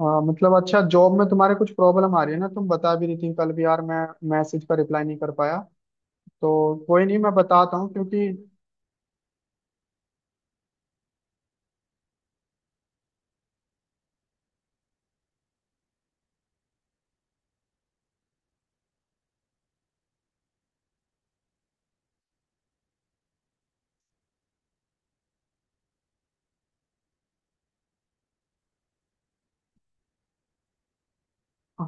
हाँ, मतलब अच्छा जॉब में तुम्हारे कुछ प्रॉब्लम आ रही है ना। तुम बता भी रही थी कल भी। यार मैं मैसेज का रिप्लाई नहीं कर पाया तो। कोई नहीं, मैं बताता हूँ, क्योंकि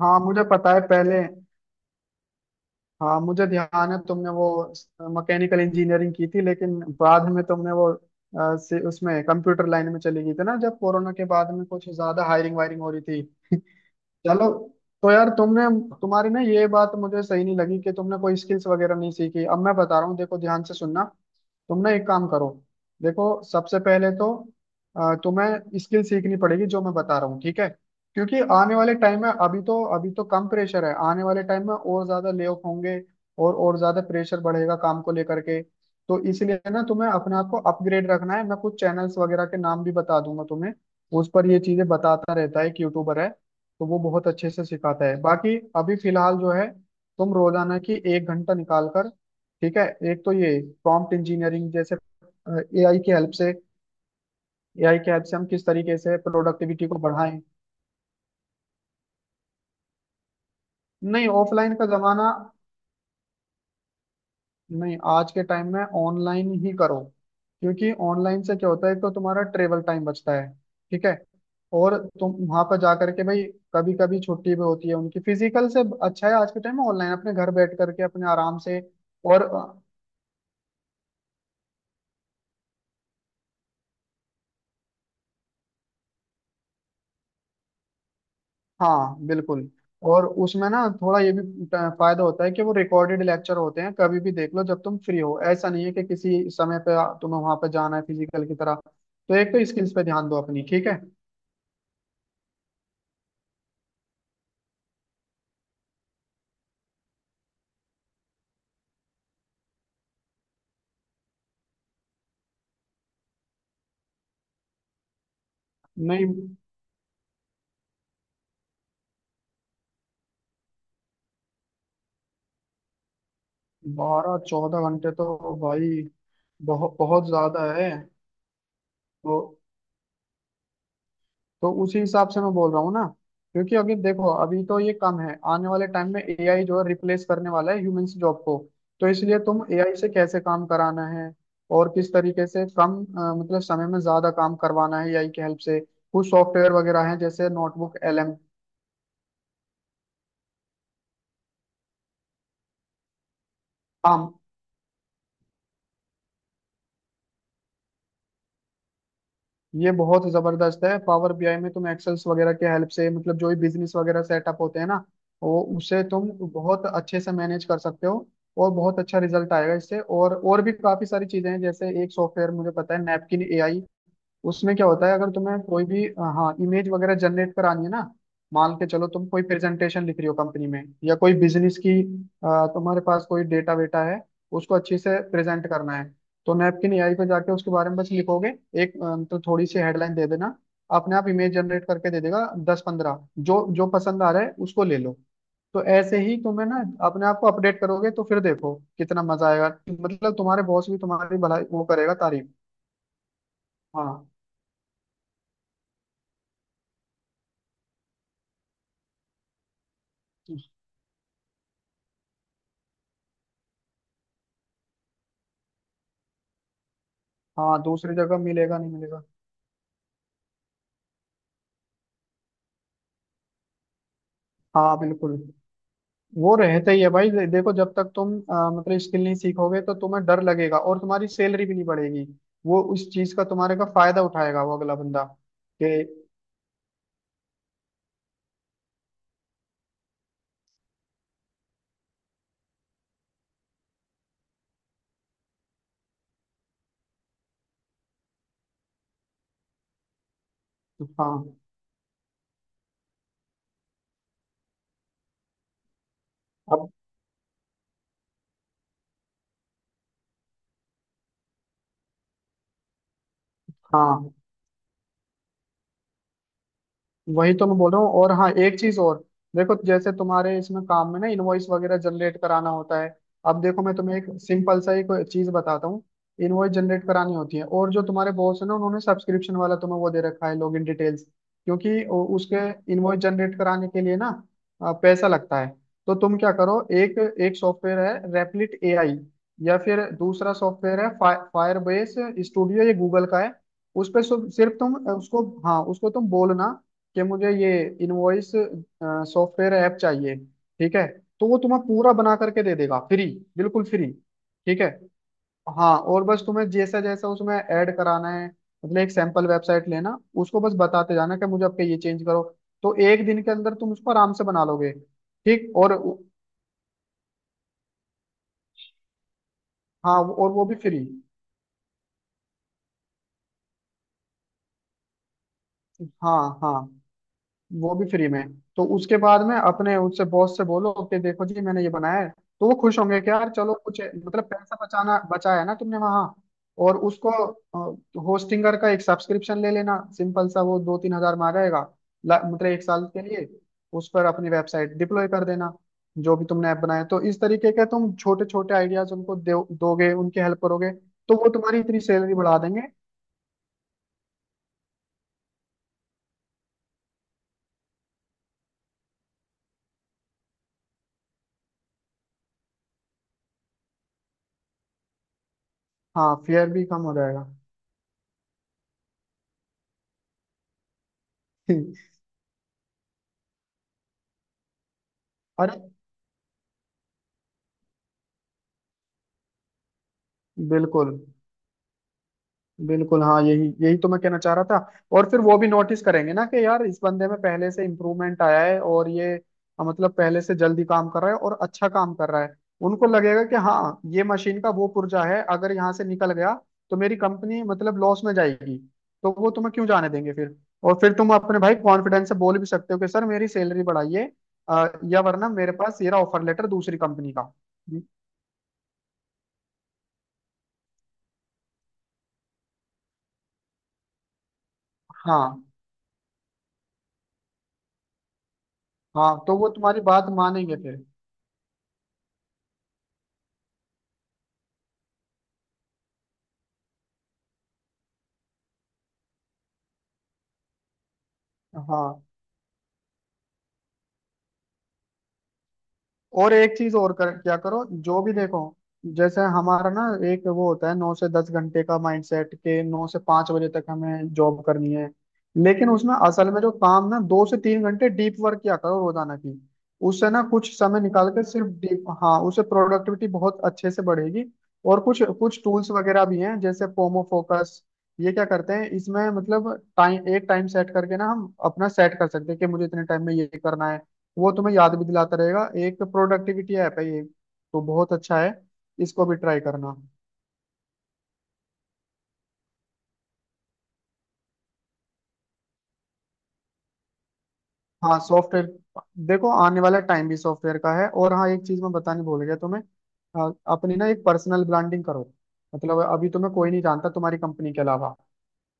हाँ मुझे पता है पहले। हाँ मुझे ध्यान है, तुमने वो मैकेनिकल इंजीनियरिंग की थी, लेकिन बाद में तुमने वो उसमें कंप्यूटर लाइन में चली गई थी ना, जब कोरोना के बाद में कुछ ज्यादा हायरिंग वायरिंग हो रही थी। चलो, तो यार तुमने... तुम्हारी ना ये बात मुझे सही नहीं लगी कि तुमने कोई स्किल्स वगैरह नहीं सीखी। अब मैं बता रहा हूँ, देखो ध्यान से सुनना। तुम ना एक काम करो, देखो, सबसे पहले तो तुम्हें स्किल सीखनी पड़ेगी, जो मैं बता रहा हूँ, ठीक है। क्योंकि आने वाले टाइम में अभी तो कम प्रेशर है, आने वाले टाइम में और ज्यादा ले ऑफ होंगे। और ज्यादा प्रेशर बढ़ेगा काम को लेकर के। तो इसलिए ना तुम्हें अपने आप को अपग्रेड रखना है। मैं कुछ चैनल्स वगैरह के नाम भी बता दूंगा तुम्हें, उस पर ये चीजें बताता रहता है, एक यूट्यूबर है, तो वो बहुत अच्छे से सिखाता है। बाकी अभी फिलहाल जो है, तुम रोजाना की एक घंटा निकाल कर, ठीक है। एक तो ये प्रॉम्प्ट इंजीनियरिंग जैसे, एआई की हेल्प से एआई के हेल्प से हम किस तरीके से प्रोडक्टिविटी को बढ़ाएं। नहीं, ऑफलाइन का जमाना नहीं। आज के टाइम में ऑनलाइन ही करो, क्योंकि ऑनलाइन से क्या होता है, एक तो तुम्हारा ट्रेवल टाइम बचता है, ठीक है। और तुम वहां पर जा करके भाई, कभी कभी छुट्टी भी होती है उनकी फिजिकल से। अच्छा है आज के टाइम में ऑनलाइन अपने घर बैठ करके अपने आराम से। और हाँ, बिल्कुल। और उसमें ना थोड़ा ये भी फायदा होता है कि वो रिकॉर्डेड लेक्चर होते हैं, कभी भी देख लो जब तुम फ्री हो। ऐसा नहीं है कि किसी समय पे तुम्हें वहां पे जाना है फिजिकल की तरह। तो एक तो स्किल्स पे ध्यान दो अपनी, ठीक है। नहीं 12 14 घंटे तो भाई बहुत बहुत ज्यादा है। तो तो उसी हिसाब से मैं बोल रहा हूँ ना। क्योंकि अभी देखो, अभी तो ये कम है, आने वाले टाइम में एआई जो है रिप्लेस करने वाला है ह्यूमंस जॉब को। तो इसलिए तुम एआई से कैसे काम कराना है, और किस तरीके से कम समय में ज्यादा काम करवाना है एआई की हेल्प से। कुछ सॉफ्टवेयर वगैरह हैं, जैसे नोटबुक एलएम, ये बहुत जबरदस्त है। पावर बीआई में तुम एक्सेल्स वगैरह के हेल्प से, मतलब जो भी बिजनेस वगैरह सेटअप होते हैं ना, वो उसे तुम बहुत अच्छे से मैनेज कर सकते हो, और बहुत अच्छा रिजल्ट आएगा इससे। और भी काफी सारी चीजें हैं, जैसे एक सॉफ्टवेयर मुझे पता है, नैपकिन एआई। उसमें क्या होता है, अगर तुम्हें कोई भी हाँ, इमेज वगैरह जनरेट करानी है ना। मान के चलो तुम कोई प्रेजेंटेशन लिख रही हो कंपनी में, या कोई बिजनेस की, तुम्हारे पास कोई डेटा वेटा है, उसको अच्छे से प्रेजेंट करना है, तो नैपकिन एआई पे जाके उसके बारे में बस लिखोगे। एक थोड़ी सी हेडलाइन दे देना, अपने आप इमेज जनरेट करके दे देगा 10 15, जो जो पसंद आ रहा है उसको ले लो। तो ऐसे ही तुम्हें ना अपने आप को अपडेट करोगे तो फिर देखो कितना मजा आएगा। मतलब तुम्हारे बॉस भी तुम्हारी भलाई वो करेगा, तारीफ। हाँ, हाँ दूसरी जगह मिलेगा नहीं मिलेगा। हाँ, बिल्कुल, वो रहता ही है भाई। देखो जब तक तुम स्किल नहीं सीखोगे, तो तुम्हें डर लगेगा और तुम्हारी सैलरी भी नहीं बढ़ेगी। वो उस चीज का तुम्हारे का फायदा उठाएगा वो अगला बंदा, कि हाँ। अब हाँ, वही तो मैं बोल रहा हूँ। और हाँ, एक चीज और, देखो जैसे तुम्हारे इसमें काम में ना इनवॉइस वगैरह जनरेट कराना होता है। अब देखो मैं तुम्हें एक सिंपल सा एक चीज बताता हूँ। इनवॉइस जनरेट करानी होती है, और जो तुम्हारे बॉस है ना उन्होंने सब्सक्रिप्शन वाला तुम्हें वो दे रखा है, लॉगिन डिटेल्स। क्योंकि उसके इनवॉइस जनरेट कराने के लिए ना पैसा लगता है। तो तुम क्या करो, एक एक सॉफ्टवेयर है रेपलिट एआई, या फिर दूसरा सॉफ्टवेयर है फायरबेस स्टूडियो, ये गूगल का है। उस पर सिर्फ तुम उसको, हाँ, उसको तुम बोलना कि मुझे ये इनवॉइस सॉफ्टवेयर ऐप चाहिए, ठीक है। तो वो तुम्हें पूरा बना करके दे देगा, फ्री, बिल्कुल फ्री, ठीक है। हाँ, और बस तुम्हें जैसा जैसा उसमें ऐड कराना है, मतलब एक सैंपल वेबसाइट लेना उसको, बस बताते जाना कि मुझे आपके ये चेंज करो। तो एक दिन के अंदर तुम उसको आराम से बना लोगे। ठीक, और हाँ, और वो भी फ्री। हाँ हाँ, वो भी फ्री में। तो उसके बाद में अपने उससे बॉस से बोलो कि देखो जी, मैंने ये बनाया है। तो वो खुश होंगे कि यार चलो कुछ मतलब पैसा बचाना बचाया है ना तुमने वहां। और उसको होस्टिंगर का एक सब्सक्रिप्शन ले लेना सिंपल सा, वो 2 3 हजार में आ जाएगा, ला- मतलब एक साल के लिए। उस पर अपनी वेबसाइट डिप्लॉय कर देना, जो भी तुमने ऐप बनाया। तो इस तरीके के तुम छोटे छोटे आइडियाज उनको दोगे, उनकी हेल्प करोगे, तो वो तुम्हारी इतनी सैलरी बढ़ा देंगे। हाँ, फेयर भी कम हो जाएगा। अरे बिल्कुल, बिल्कुल हाँ, यही यही तो मैं कहना चाह रहा था। और फिर वो भी नोटिस करेंगे ना कि यार इस बंदे में पहले से इम्प्रूवमेंट आया है, और ये पहले से जल्दी काम कर रहा है और अच्छा काम कर रहा है। उनको लगेगा कि हाँ, ये मशीन का वो पुर्जा है, अगर यहाँ से निकल गया तो मेरी कंपनी मतलब लॉस में जाएगी। तो वो तुम्हें क्यों जाने देंगे फिर। और फिर तुम अपने भाई कॉन्फिडेंस से बोल भी सकते हो कि सर मेरी सैलरी बढ़ाइए, या वरना मेरे पास ये रहा ऑफर लेटर दूसरी कंपनी का। हाँ, हाँ तो वो तुम्हारी बात मानेंगे फिर। हाँ, और एक चीज और कर क्या करो, जो भी देखो, जैसे हमारा ना एक वो होता है, 9 से 10 घंटे का माइंडसेट, के 9 से 5 बजे तक हमें जॉब करनी है। लेकिन उसमें असल में जो काम ना, 2 से 3 घंटे डीप वर्क किया करो रोजाना की। उससे ना कुछ समय निकाल कर सिर्फ डीप, हाँ, उससे प्रोडक्टिविटी बहुत अच्छे से बढ़ेगी। और कुछ कुछ टूल्स वगैरह भी हैं, जैसे पोमो फोकस। ये क्या करते हैं इसमें, मतलब टाइम, एक टाइम सेट करके ना हम अपना सेट कर सकते हैं कि मुझे इतने टाइम में ये करना है। वो तुम्हें याद भी दिलाता रहेगा, एक प्रोडक्टिविटी ऐप है ये, तो बहुत अच्छा है, इसको भी ट्राई करना। हाँ सॉफ्टवेयर, देखो आने वाला टाइम भी सॉफ्टवेयर का है। और हाँ, एक चीज मैं बताने भूल गया तुम्हें, हाँ, अपनी ना एक पर्सनल ब्रांडिंग करो। मतलब अभी तुम्हें कोई नहीं जानता तुम्हारी कंपनी के अलावा,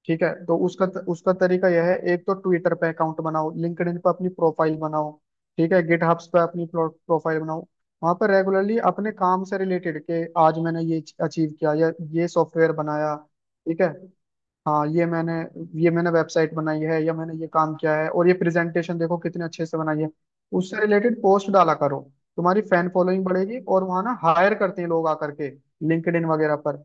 ठीक है। तो उसका उसका तरीका यह है, एक तो ट्विटर पे अकाउंट बनाओ, लिंक्डइन पे अपनी प्रोफाइल बनाओ, ठीक है, गिटहब्स पे अपनी प्रोफाइल बनाओ। वहां पर रेगुलरली अपने काम से रिलेटेड के आज मैंने ये अचीव किया, या ये सॉफ्टवेयर बनाया, ठीक है। हाँ, ये मैंने वेबसाइट बनाई है, या मैंने ये काम किया है और ये प्रेजेंटेशन देखो कितने अच्छे से बनाई है। उससे रिलेटेड पोस्ट डाला करो। तुम्हारी फैन फॉलोइंग बढ़ेगी, और वहां ना हायर करते हैं लोग आकर के, लिंक्डइन वगैरह पर।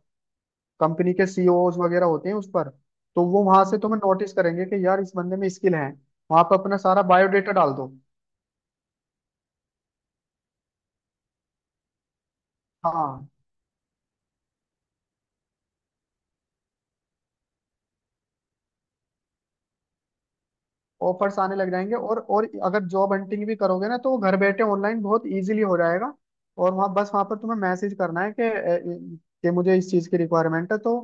कंपनी के सीईओज वगैरह होते हैं उस पर, तो वो वहां से तुम्हें नोटिस करेंगे कि यार इस बंदे में स्किल है। वहां पर अपना सारा बायोडेटा डाल दो। हाँ, ऑफर्स आने लग जाएंगे। और अगर जॉब हंटिंग भी करोगे ना, तो वो घर बैठे ऑनलाइन बहुत इजीली हो जाएगा। और वहाँ बस वहां पर तुम्हें मैसेज करना है कि कि मुझे इस चीज की रिक्वायरमेंट है, तो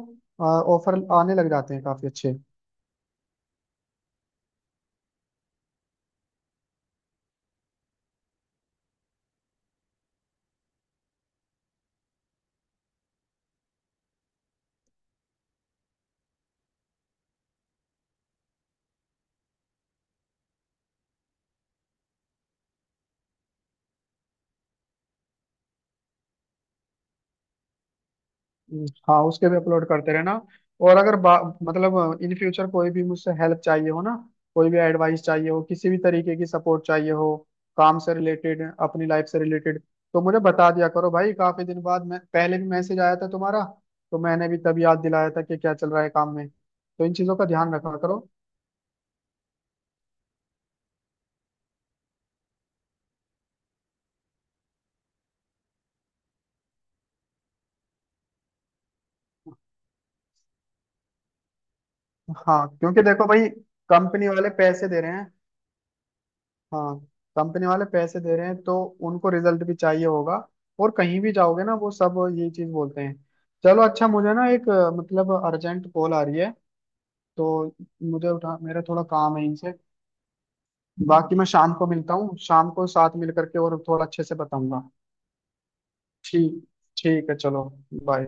ऑफर आने लग जाते हैं काफी अच्छे। हाँ, उसके भी अपलोड करते रहना। और अगर मतलब इन फ्यूचर कोई भी मुझसे हेल्प चाहिए हो ना, कोई भी एडवाइस चाहिए हो, किसी भी तरीके की सपोर्ट चाहिए हो, काम से रिलेटेड, अपनी लाइफ से रिलेटेड, तो मुझे बता दिया करो भाई। काफी दिन बाद, मैं पहले भी... मैसेज आया था तुम्हारा, तो मैंने भी तब याद दिलाया था कि क्या चल रहा है काम में, तो इन चीजों का ध्यान रखा करो। हाँ, क्योंकि देखो भाई, कंपनी वाले पैसे दे रहे हैं, हाँ कंपनी वाले पैसे दे रहे हैं तो उनको रिजल्ट भी चाहिए होगा। और कहीं भी जाओगे ना वो सब ये चीज बोलते हैं। चलो अच्छा, मुझे ना एक अर्जेंट कॉल आ रही है। तो मुझे उठा... मेरा थोड़ा काम है इनसे। बाकी मैं शाम को मिलता हूँ, शाम को साथ मिल करके और थोड़ा अच्छे से बताऊंगा। ठीक, ठीक है, चलो, बाय।